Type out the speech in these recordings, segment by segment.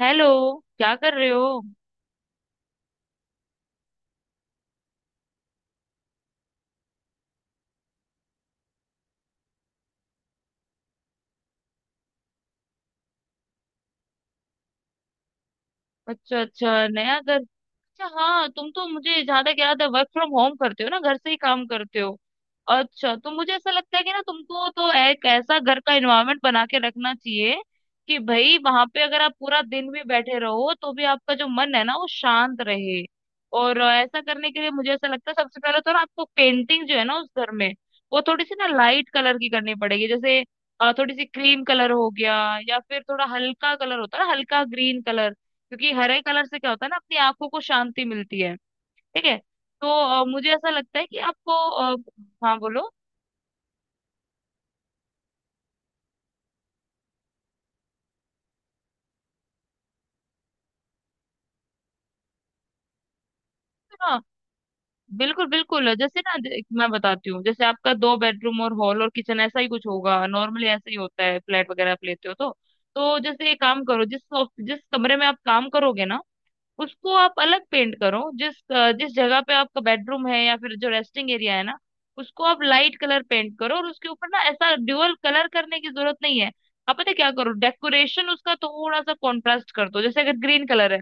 Hello. क्या कर रहे हो? अच्छा अच्छा, नया घर। अच्छा हाँ, तुम तो मुझे जहां तक याद है वर्क फ्रॉम होम करते हो ना, घर से ही काम करते हो। अच्छा तो मुझे ऐसा लगता है कि ना तुमको तो एक ऐसा घर का एनवायरनमेंट बना के रखना चाहिए कि भाई वहां पे अगर आप पूरा दिन भी बैठे रहो तो भी आपका जो मन है ना वो शांत रहे। और ऐसा करने के लिए मुझे ऐसा लगता है सबसे पहले तो ना आपको पेंटिंग जो है ना उस घर में वो थोड़ी सी ना लाइट कलर की करनी पड़ेगी। जैसे थोड़ी सी क्रीम कलर हो गया, या फिर थोड़ा हल्का कलर होता है ना, हल्का ग्रीन कलर। क्योंकि हरे कलर से क्या होता है ना, अपनी आंखों को शांति मिलती है। ठीक है। तो मुझे ऐसा लगता है कि आपको हाँ बोलो। हाँ बिल्कुल बिल्कुल, जैसे ना मैं बताती हूँ, जैसे आपका 2 बेडरूम और हॉल और किचन ऐसा ही कुछ होगा, नॉर्मली ऐसा ही होता है फ्लैट वगैरह आप लेते हो तो। तो जैसे ये काम करो, जिस जिस कमरे में आप काम करोगे ना उसको आप अलग पेंट करो। जिस जिस जगह पे आपका बेडरूम है या फिर जो रेस्टिंग एरिया है ना उसको आप लाइट कलर पेंट करो। और उसके ऊपर ना ऐसा ड्यूअल कलर करने की जरूरत नहीं है। आप पता है क्या करो, डेकोरेशन उसका थोड़ा सा कॉन्ट्रास्ट कर दो। जैसे अगर ग्रीन कलर है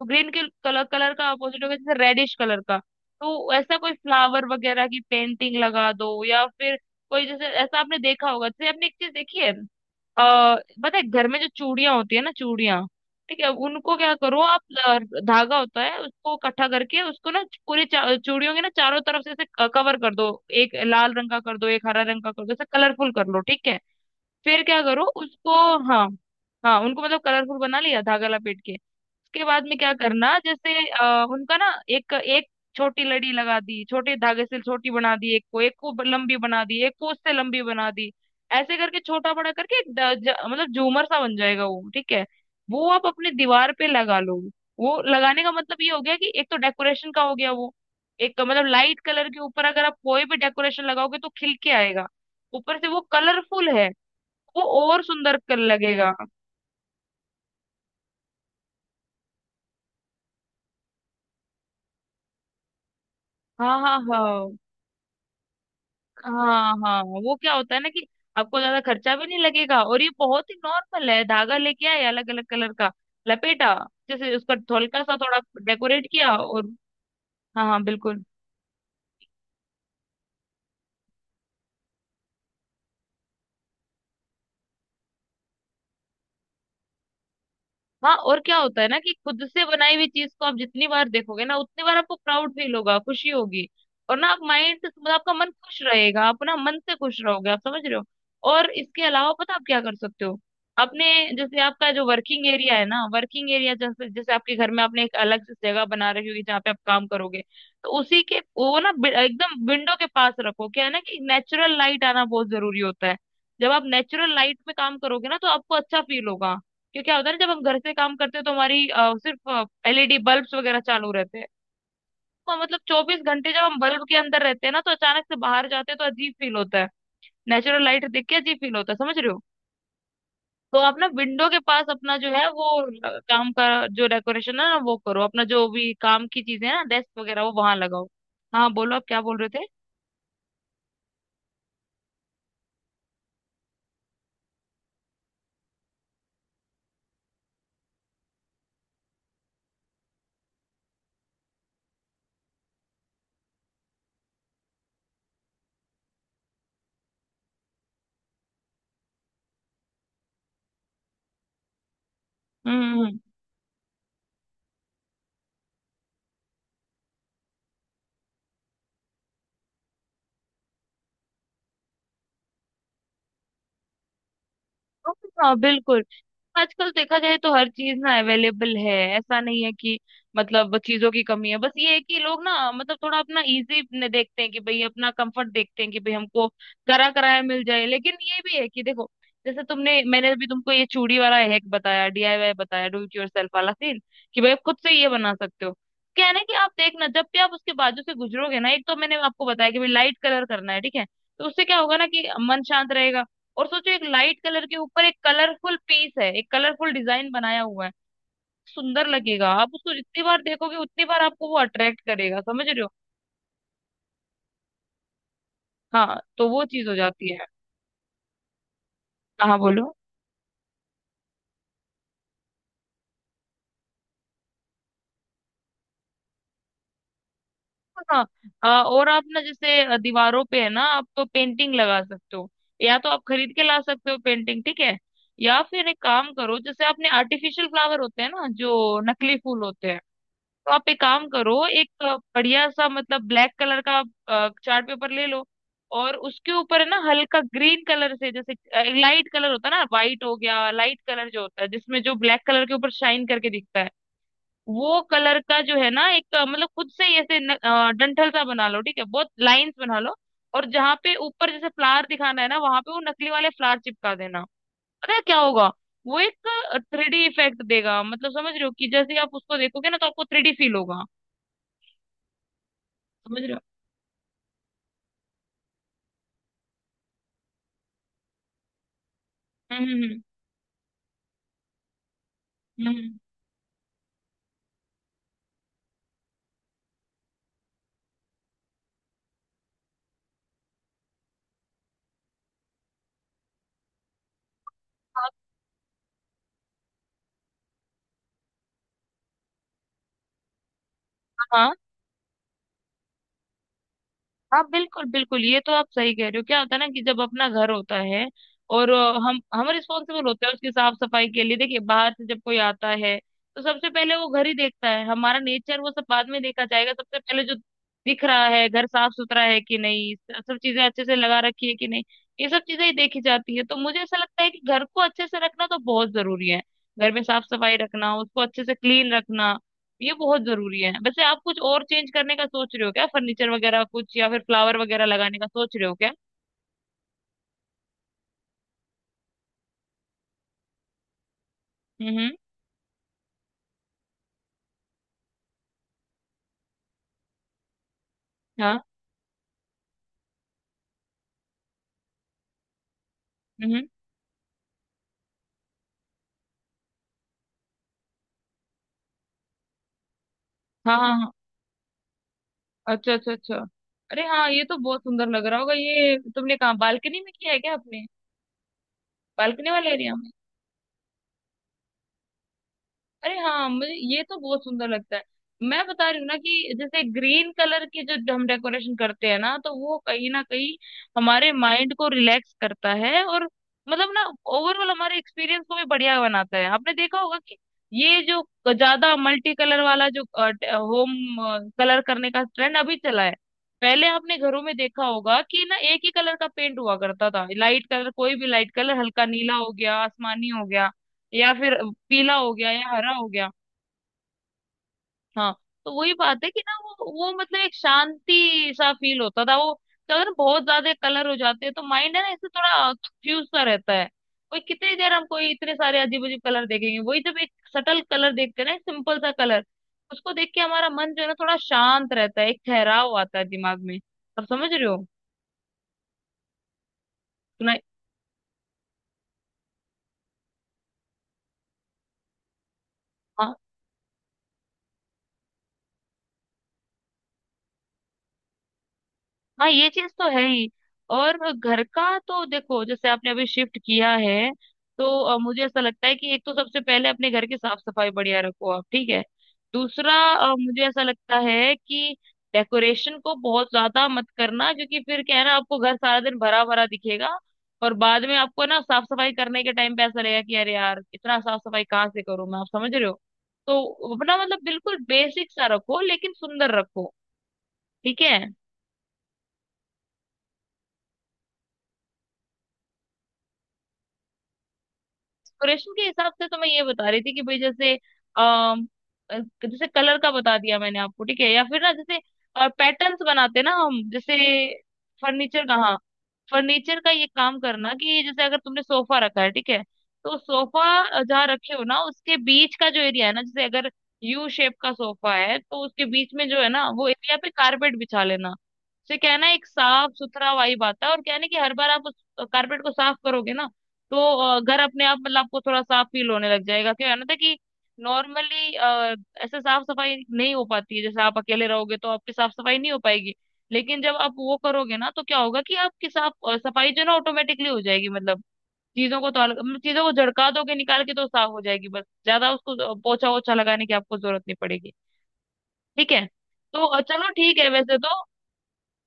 तो ग्रीन के कलर कलर का अपोजिट होगा जैसे रेडिश कलर का। तो ऐसा कोई फ्लावर वगैरह की पेंटिंग लगा दो, या फिर कोई, जैसे ऐसा आपने देखा होगा, जैसे आपने एक चीज देखी है। अ पता है घर में जो चूड़ियां होती है ना, चूड़ियां, ठीक है, उनको क्या करो आप, अ, धागा होता है, उसको इकट्ठा करके उसको ना पूरी चूड़ियों के ना चारों तरफ से ऐसे कवर कर दो। एक लाल रंग का कर दो, एक हरा रंग का कर दो, ऐसे कलरफुल कर लो। ठीक है, फिर क्या करो उसको। हाँ, हाँ उनको मतलब कलरफुल बना लिया धागा लपेट के, उसके बाद में क्या करना, जैसे उनका ना एक एक छोटी लड़ी लगा दी छोटे धागे से, छोटी बना दी एक को, एक को लंबी बना दी एक को, उससे लंबी बना दी। ऐसे करके छोटा बड़ा करके एक मतलब झूमर सा बन जाएगा वो, ठीक है। वो आप अपने दीवार पे लगा लो। वो लगाने का मतलब ये हो गया कि एक तो डेकोरेशन का हो गया वो, एक मतलब लाइट कलर के ऊपर अगर आप कोई भी डेकोरेशन लगाओगे तो खिल के आएगा। ऊपर से वो कलरफुल है, वो और सुंदर कर लगेगा। हाँ हाँ हाँ, हाँ हाँ, वो क्या होता है ना कि आपको ज्यादा खर्चा भी नहीं लगेगा, और ये बहुत ही नॉर्मल है, धागा लेके आए अलग अलग कलर का, लपेटा, जैसे उसका हल्का सा थोड़ा डेकोरेट किया, और हाँ हाँ बिल्कुल। हाँ, और क्या होता है ना कि खुद से बनाई हुई चीज को आप जितनी बार देखोगे ना उतनी बार आपको प्राउड फील होगा, खुशी होगी। और ना आप माइंड से मतलब आपका मन खुश रहेगा, आप ना मन से खुश रहोगे, आप समझ रहे हो। और इसके अलावा पता आप क्या कर सकते हो, आपने जैसे आपका जो वर्किंग एरिया है ना, वर्किंग एरिया जैसे, जैसे आपके घर में आपने एक अलग से जगह बना रखी होगी जहाँ पे आप काम करोगे, तो उसी के वो ना एकदम विंडो के पास रखो। क्या है ना कि नेचुरल लाइट आना बहुत जरूरी होता है। जब आप नेचुरल लाइट में काम करोगे ना तो आपको अच्छा फील होगा। क्योंकि क्या होता है ना, जब हम घर से काम करते हैं तो हमारी सिर्फ एलईडी बल्ब्स वगैरह चालू रहते हैं। तो मतलब 24 घंटे जब हम बल्ब के अंदर रहते हैं ना तो अचानक से बाहर जाते हैं तो अजीब फील होता है। नेचुरल लाइट देख के अजीब फील होता है, समझ रहे हो। तो आप ना विंडो के पास अपना जो है वो काम का जो डेकोरेशन है ना वो करो, अपना जो भी काम की चीजें हैं ना, डेस्क वगैरह वो वहां लगाओ। हाँ बोलो, आप क्या बोल रहे थे? हम्म हम्म, हाँ बिल्कुल, आजकल देखा जाए तो हर चीज ना अवेलेबल है। ऐसा नहीं है कि मतलब चीजों की कमी है, बस ये है कि लोग ना मतलब थोड़ा अपना इजी देखते हैं कि भाई अपना कंफर्ट देखते हैं कि भाई हमको करा कराया मिल जाए। लेकिन ये भी है कि देखो, जैसे तुमने, मैंने अभी तुमको ये चूड़ी वाला हैक बताया, डीआईवाई बताया, डू इट योरसेल्फ वाला सीन, कि भाई आप खुद से ये बना सकते हो। क्या है ना कि आप देखना, जब भी आप उसके बाजू से गुजरोगे ना, एक तो मैंने आपको बताया कि भाई लाइट कलर करना है, ठीक है, तो उससे क्या होगा ना कि मन शांत रहेगा। और सोचो, एक लाइट कलर के ऊपर एक कलरफुल पीस है, एक कलरफुल डिजाइन बनाया हुआ है, सुंदर लगेगा। आप उसको जितनी बार देखोगे उतनी बार आपको वो अट्रैक्ट करेगा, समझ रहे हो। हाँ तो वो चीज हो जाती है। हाँ बोलो। हाँ और आप ना जैसे दीवारों पे है ना, आप तो पेंटिंग लगा सकते हो, या तो आप खरीद के ला सकते हो पेंटिंग, ठीक है, या फिर एक काम करो, जैसे आपने आर्टिफिशियल फ्लावर होते हैं ना, जो नकली फूल होते हैं, तो आप एक काम करो, एक बढ़िया सा मतलब ब्लैक कलर का चार्ट पेपर ले लो। और उसके ऊपर है ना हल्का ग्रीन कलर से जैसे, लाइट कलर होता है ना, वाइट हो गया, लाइट कलर जो होता है, जिसमें जो ब्लैक कलर के ऊपर शाइन करके दिखता है, वो कलर का जो है ना एक मतलब खुद से ही ऐसे डंठल सा बना लो, ठीक है, बहुत लाइंस बना लो। और जहाँ पे ऊपर जैसे फ्लावर दिखाना है ना वहां पे वो नकली वाले फ्लावर चिपका देना। पता है क्या होगा, वो एक थ्री डी इफेक्ट देगा, मतलब समझ रहे हो कि जैसे आप उसको देखोगे ना तो आपको थ्री डी फील होगा, समझ रहे हो। हम्म हम्म हम्म हम्म। हाँ हाँ बिल्कुल बिल्कुल, ये तो आप सही कह रहे हो। क्या होता है ना कि जब अपना घर होता है, और हम रिस्पॉन्सिबल होते हैं उसकी साफ सफाई के लिए। देखिए बाहर से जब कोई आता है तो सबसे पहले वो घर ही देखता है, हमारा नेचर वो सब बाद में देखा जाएगा। सबसे पहले जो दिख रहा है, घर साफ सुथरा है कि नहीं, सब चीजें अच्छे से लगा रखी है कि नहीं, ये सब चीजें ही देखी जाती है। तो मुझे ऐसा लगता है कि घर को अच्छे से रखना तो बहुत जरूरी है, घर में साफ सफाई रखना, उसको अच्छे से क्लीन रखना, ये बहुत जरूरी है। वैसे आप कुछ और चेंज करने का सोच रहे हो क्या, फर्नीचर वगैरह कुछ, या फिर फ्लावर वगैरह लगाने का सोच रहे हो क्या? हम्म हम्म, हाँ हम्म हाँ हाँ हाँ, अच्छा अच्छा अच्छा। अरे हाँ, ये तो बहुत सुंदर लग रहा होगा। ये तुमने कहा बालकनी में किया है क्या आपने? बालकनी वाले एरिया, अरे हाँ मुझे ये तो बहुत सुंदर लगता है। मैं बता रही हूँ ना कि जैसे ग्रीन कलर की जो हम डेकोरेशन करते हैं ना तो वो कहीं ना कहीं हमारे माइंड को रिलैक्स करता है। और मतलब ना ओवरऑल हमारे एक्सपीरियंस को भी बढ़िया बनाता है। आपने देखा होगा कि ये जो ज्यादा मल्टी कलर वाला जो होम कलर करने का ट्रेंड अभी चला है, पहले आपने घरों में देखा होगा कि ना एक ही कलर का पेंट हुआ करता था, लाइट कलर, कोई भी लाइट कलर, हल्का नीला हो गया, आसमानी हो गया, या फिर पीला हो गया, या हरा हो गया। हाँ, तो वही बात है कि ना वो मतलब एक शांति सा फील होता था। वो क्या होता है ना बहुत ज्यादा कलर हो जाते हैं तो माइंड है ना इससे थोड़ा कंफ्यूज सा रहता है। वही कितनी देर हम कोई इतने सारे अजीब अजीब कलर देखेंगे, वही जब एक सटल कलर देखते हैं ना, सिंपल सा कलर, उसको देख के हमारा मन जो है ना थोड़ा शांत रहता है, एक ठहराव आता है दिमाग में, आप समझ रहे हो। सुना। हाँ ये चीज तो है ही। और घर का तो देखो, जैसे आपने अभी शिफ्ट किया है तो मुझे ऐसा लगता है कि एक तो सबसे पहले अपने घर की साफ सफाई बढ़िया रखो आप, ठीक है। दूसरा मुझे ऐसा लगता है कि डेकोरेशन को बहुत ज्यादा मत करना, क्योंकि फिर क्या है ना आपको घर सारा दिन भरा भरा दिखेगा। और बाद में आपको ना साफ सफाई करने के टाइम पे ऐसा लगेगा कि अरे यार इतना साफ सफाई कहाँ से करूँ मैं, आप समझ रहे हो। तो अपना मतलब बिल्कुल बेसिक सा रखो, लेकिन सुंदर रखो, ठीक है। डेकोरेशन के हिसाब से तो मैं ये बता रही थी कि भाई जैसे अम, अ, जैसे कलर का बता दिया मैंने आपको, ठीक है, या फिर ना जैसे पैटर्न्स बनाते ना हम, जैसे फर्नीचर का, हाँ फर्नीचर का ये काम करना कि जैसे अगर तुमने सोफा रखा है, ठीक है, तो सोफा जहाँ रखे हो ना उसके बीच का जो एरिया है ना, जैसे अगर यू शेप का सोफा है तो उसके बीच में जो है ना वो एरिया पे कारपेट बिछा लेना। उससे क्या है ना एक साफ सुथरा वाइब आता है, और क्या है ना कि हर बार आप उस कारपेट को साफ करोगे ना, तो घर अपने आप मतलब आपको थोड़ा साफ फील होने लग जाएगा। क्या है ना था कि नॉर्मली ऐसे साफ सफाई नहीं हो पाती है, जैसे आप अकेले रहोगे तो आपकी साफ सफाई नहीं हो पाएगी, लेकिन जब आप वो करोगे ना तो क्या होगा कि आपकी साफ सफाई जो है ना ऑटोमेटिकली हो जाएगी, मतलब चीजों को तो मतलब चीजों को झड़का दोगे निकाल के तो साफ हो जाएगी, बस ज्यादा उसको पोछा वोछा लगाने की आपको जरूरत नहीं पड़ेगी, ठीक है। तो चलो ठीक है। वैसे तो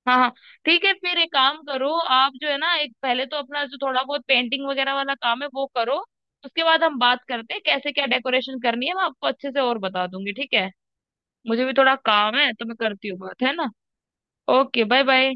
हाँ हाँ ठीक है, फिर एक काम करो आप जो है ना, एक पहले तो अपना जो थोड़ा बहुत पेंटिंग वगैरह वाला काम है वो करो, उसके बाद हम बात करते हैं कैसे क्या डेकोरेशन करनी है, मैं आपको अच्छे से और बता दूंगी, ठीक है। मुझे भी थोड़ा काम है तो मैं करती हूँ बात, है ना। Okay bye bye.